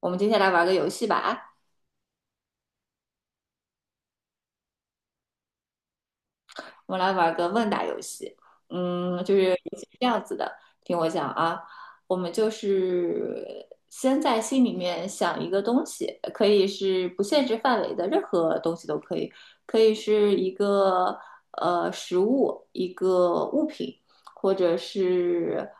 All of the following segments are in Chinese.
我们接下来玩个游戏吧，啊，我们来玩个问答游戏。就是游戏是这样子的，听我讲啊，我们就是先在心里面想一个东西，可以是不限制范围的，任何东西都可以，可以是一个食物，一个物品，或者是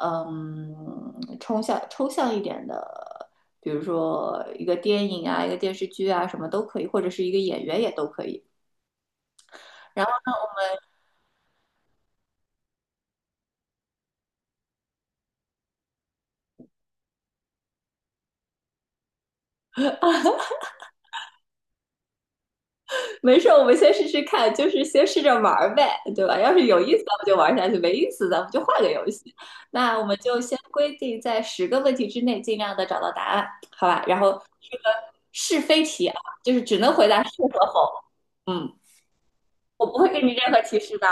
嗯抽象一点的，比如说一个电影啊，一个电视剧啊，什么都可以，或者是一个演员也都可以。然后没事，我们先试试看，就是先试着玩儿呗，对吧？要是有意思，咱们就玩下去；没意思，咱们就换个游戏。那我们就先规定在十个问题之内，尽量的找到答案，好吧？然后这个是非题啊，就是只能回答是和否。嗯，我不会给你任何提示的。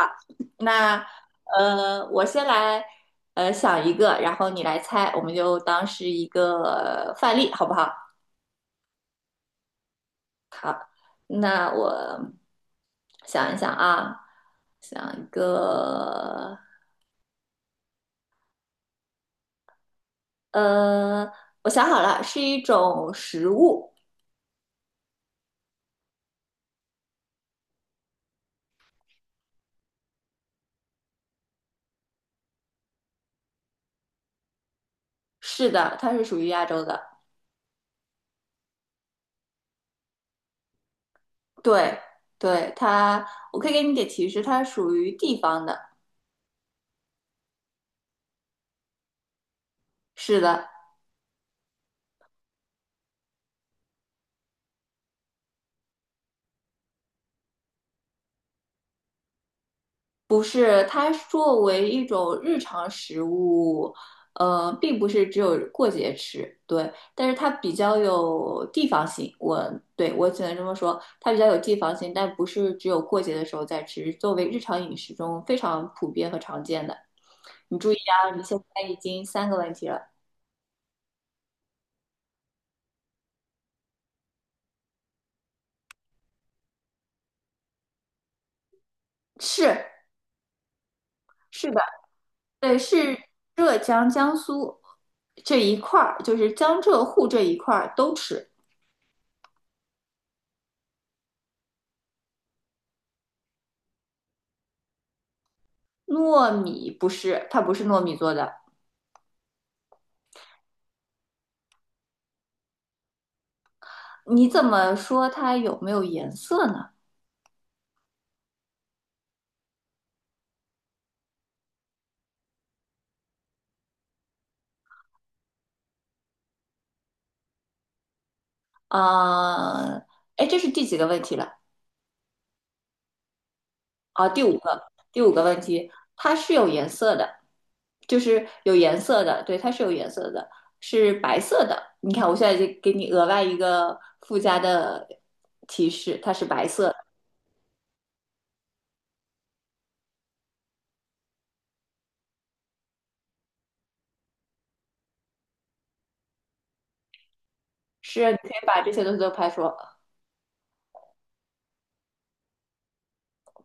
那我先来想一个，然后你来猜，我们就当是一个范例，好不好？那我想一想啊，想一个，呃，我想好了，是一种食物。是的，它是属于亚洲的。对，对，它，我可以给你点提示，它属于地方的。是的，不是，它作为一种日常食物，并不是只有过节吃，对，但是它比较有地方性，我对我只能这么说，它比较有地方性，但不是只有过节的时候在吃，作为日常饮食中非常普遍和常见的。你注意啊，你现在已经三个问题了，是是的，对，是浙江、江苏这一块儿，就是江浙沪这一块儿都吃。糯米不是，它不是糯米做的。你怎么说它有没有颜色呢？啊、哎，这是第几个问题了？啊，第五个，第五个问题，它是有颜色的，就是有颜色的，对，它是有颜色的，是白色的。你看，我现在就给你额外一个附加的提示，它是白色的，是你可以把这些东西都排除，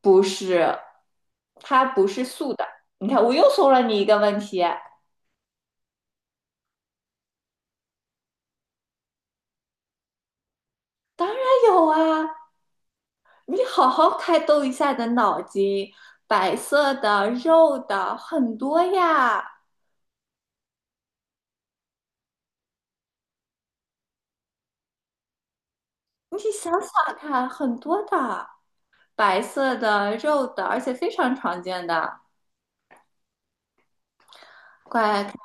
不是，它不是素的。你看，我又送了你一个问题，当然有啊，你好好开动一下你的脑筋，白色的、肉的很多呀，你想想看，很多的，白色的、肉的，而且非常常见的。快开看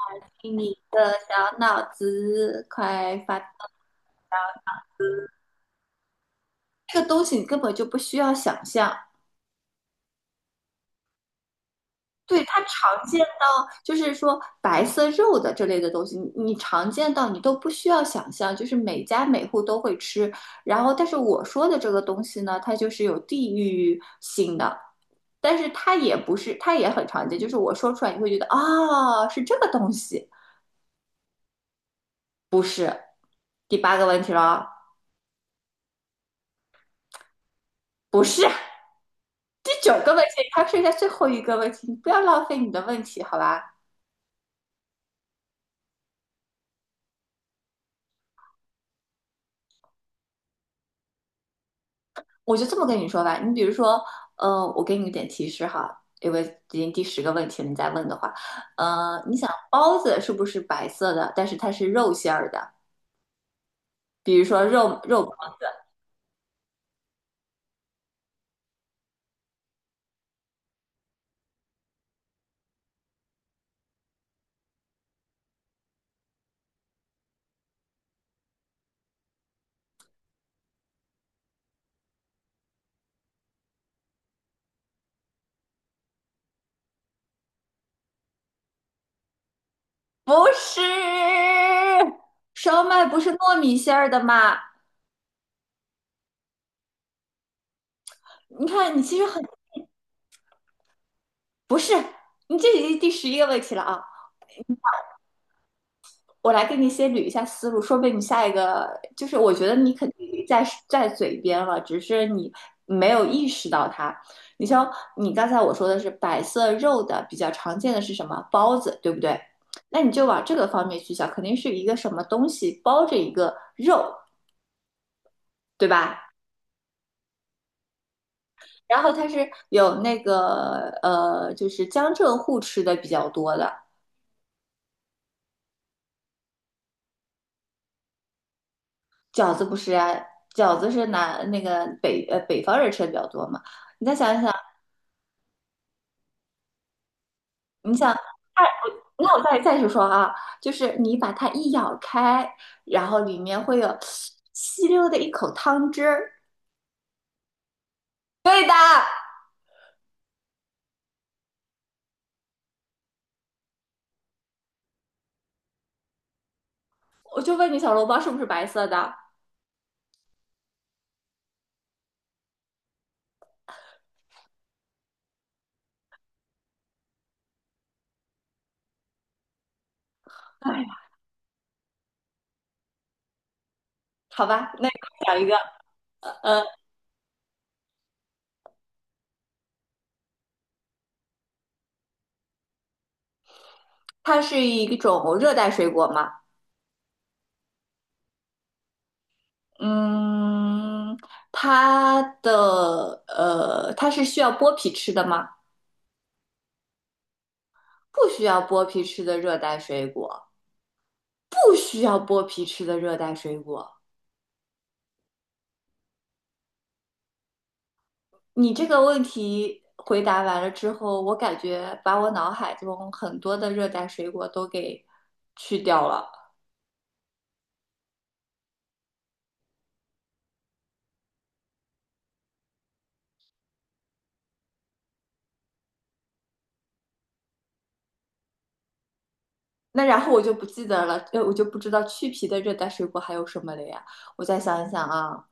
进你的小脑子，快发动这个东西你根本就不需要想象，对，它常见。就是说白色肉的这类的东西，你常见到你都不需要想象，就是每家每户都会吃。然后，但是我说的这个东西呢，它就是有地域性的，但是它也不是，它也很常见。就是我说出来，你会觉得啊、是这个东西，不是。第八个问题了哦，不是。第九个问题，它剩下最后一个问题，你不要浪费你的问题，好吧？我就这么跟你说吧，你比如说，我给你一点提示哈，因为已经第十个问题了，你再问的话，你想包子是不是白色的，但是它是肉馅儿的，比如说肉包不是，烧麦不是糯米馅儿的吗？你看，你其实很，不是，你这已经第十一个问题了啊，我来给你先捋一下思路，说不定你下一个就是我觉得你肯定在嘴边了，只是你没有意识到它。你像你刚才我说的是白色肉的比较常见的是什么包子，对不对？那你就往这个方面去想，肯定是一个什么东西包着一个肉，对吧？然后它是有那个就是江浙沪吃的比较多的饺子不是啊？饺子是南那个北呃北方人吃的比较多嘛？你再想一想，你想，它，我那我再去说啊，就是你把它一咬开，然后里面会有吸溜的一口汤汁儿。对的，我就问你，小笼包是不是白色的？哎呀，好吧，那我讲一个，呃，它是一种热带水果吗？嗯，它是需要剥皮吃的吗？不需要剥皮吃的热带水果，不需要剥皮吃的热带水果。你这个问题回答完了之后，我感觉把我脑海中很多的热带水果都给去掉了。那然后我就不记得了，我就不知道去皮的热带水果还有什么了呀？我再想一想啊，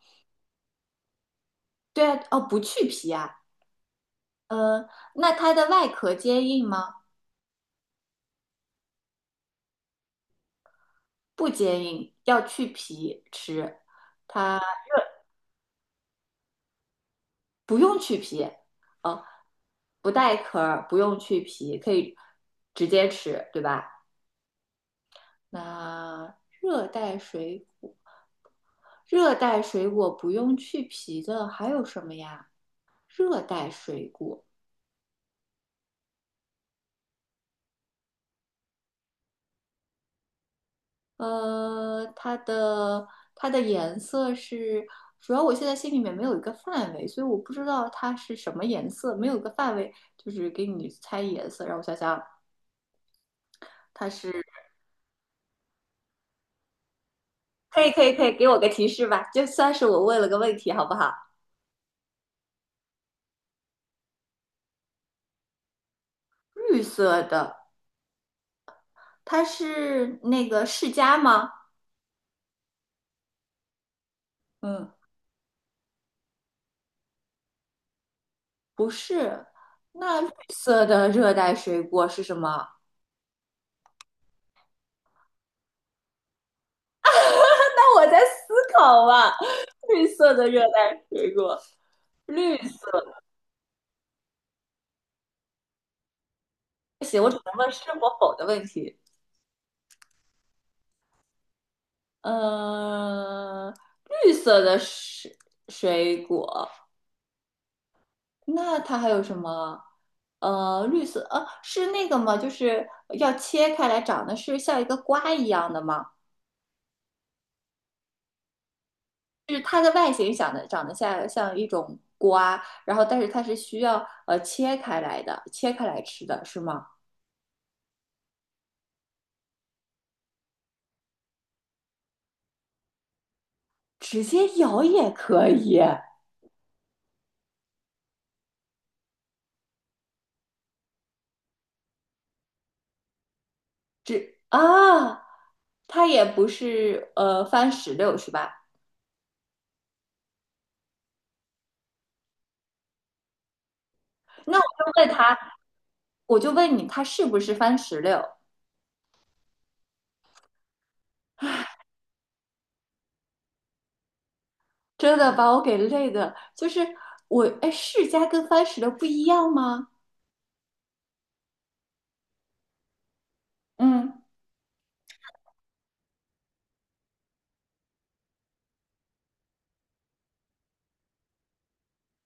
对啊，哦，不去皮啊，嗯，那它的外壳坚硬吗？不坚硬，要去皮吃，不用去皮，哦，不带壳儿，不用去皮，可以直接吃，对吧？那热带水果，热带水果不用去皮的还有什么呀？热带水果，呃，它的它的颜色是，主要我现在心里面没有一个范围，所以我不知道它是什么颜色，没有一个范围，就是给你猜颜色，让我想想，它是，可以可以可以，给我个提示吧，就算是我问了个问题，好不好？绿色的，它是那个释迦吗？嗯，不是，色的热带水果是什么？那我在思考啊。绿色的热带水果，绿色。不行，我只能问是或否的问题。呃，绿色的水果，那它还有什么？绿色，是那个吗？就是要切开来长得是像一个瓜一样的吗？就是它的外形长得像一种瓜，然后但是它是需要切开来的，切开来吃的是吗？直接咬也可以，只啊，它也不是番石榴是吧？那我就问他，我就问你，它是不是番石榴？真的把我给累的，就是我哎，释迦跟番石榴不一样吗？嗯，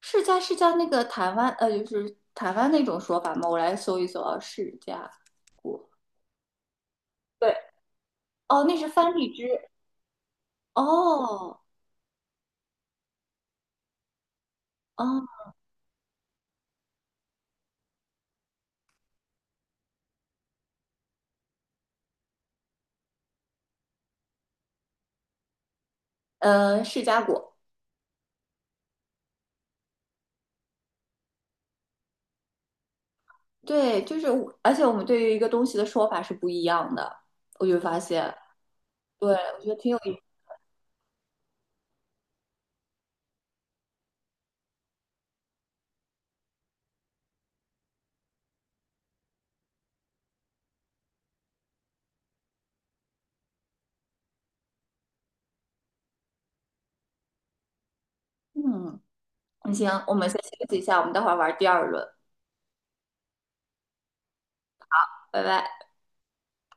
释迦是叫那个台湾就是台湾那种说法吗？我来搜一搜啊，释迦果，对，哦，那是番荔枝，哦，哦，释迦果。对，就是我而且我们对于一个东西的说法是不一样的，我就发现，对，我觉得挺有意思。嗯，行，我们先休息一下，我们待会儿玩第二轮，拜拜。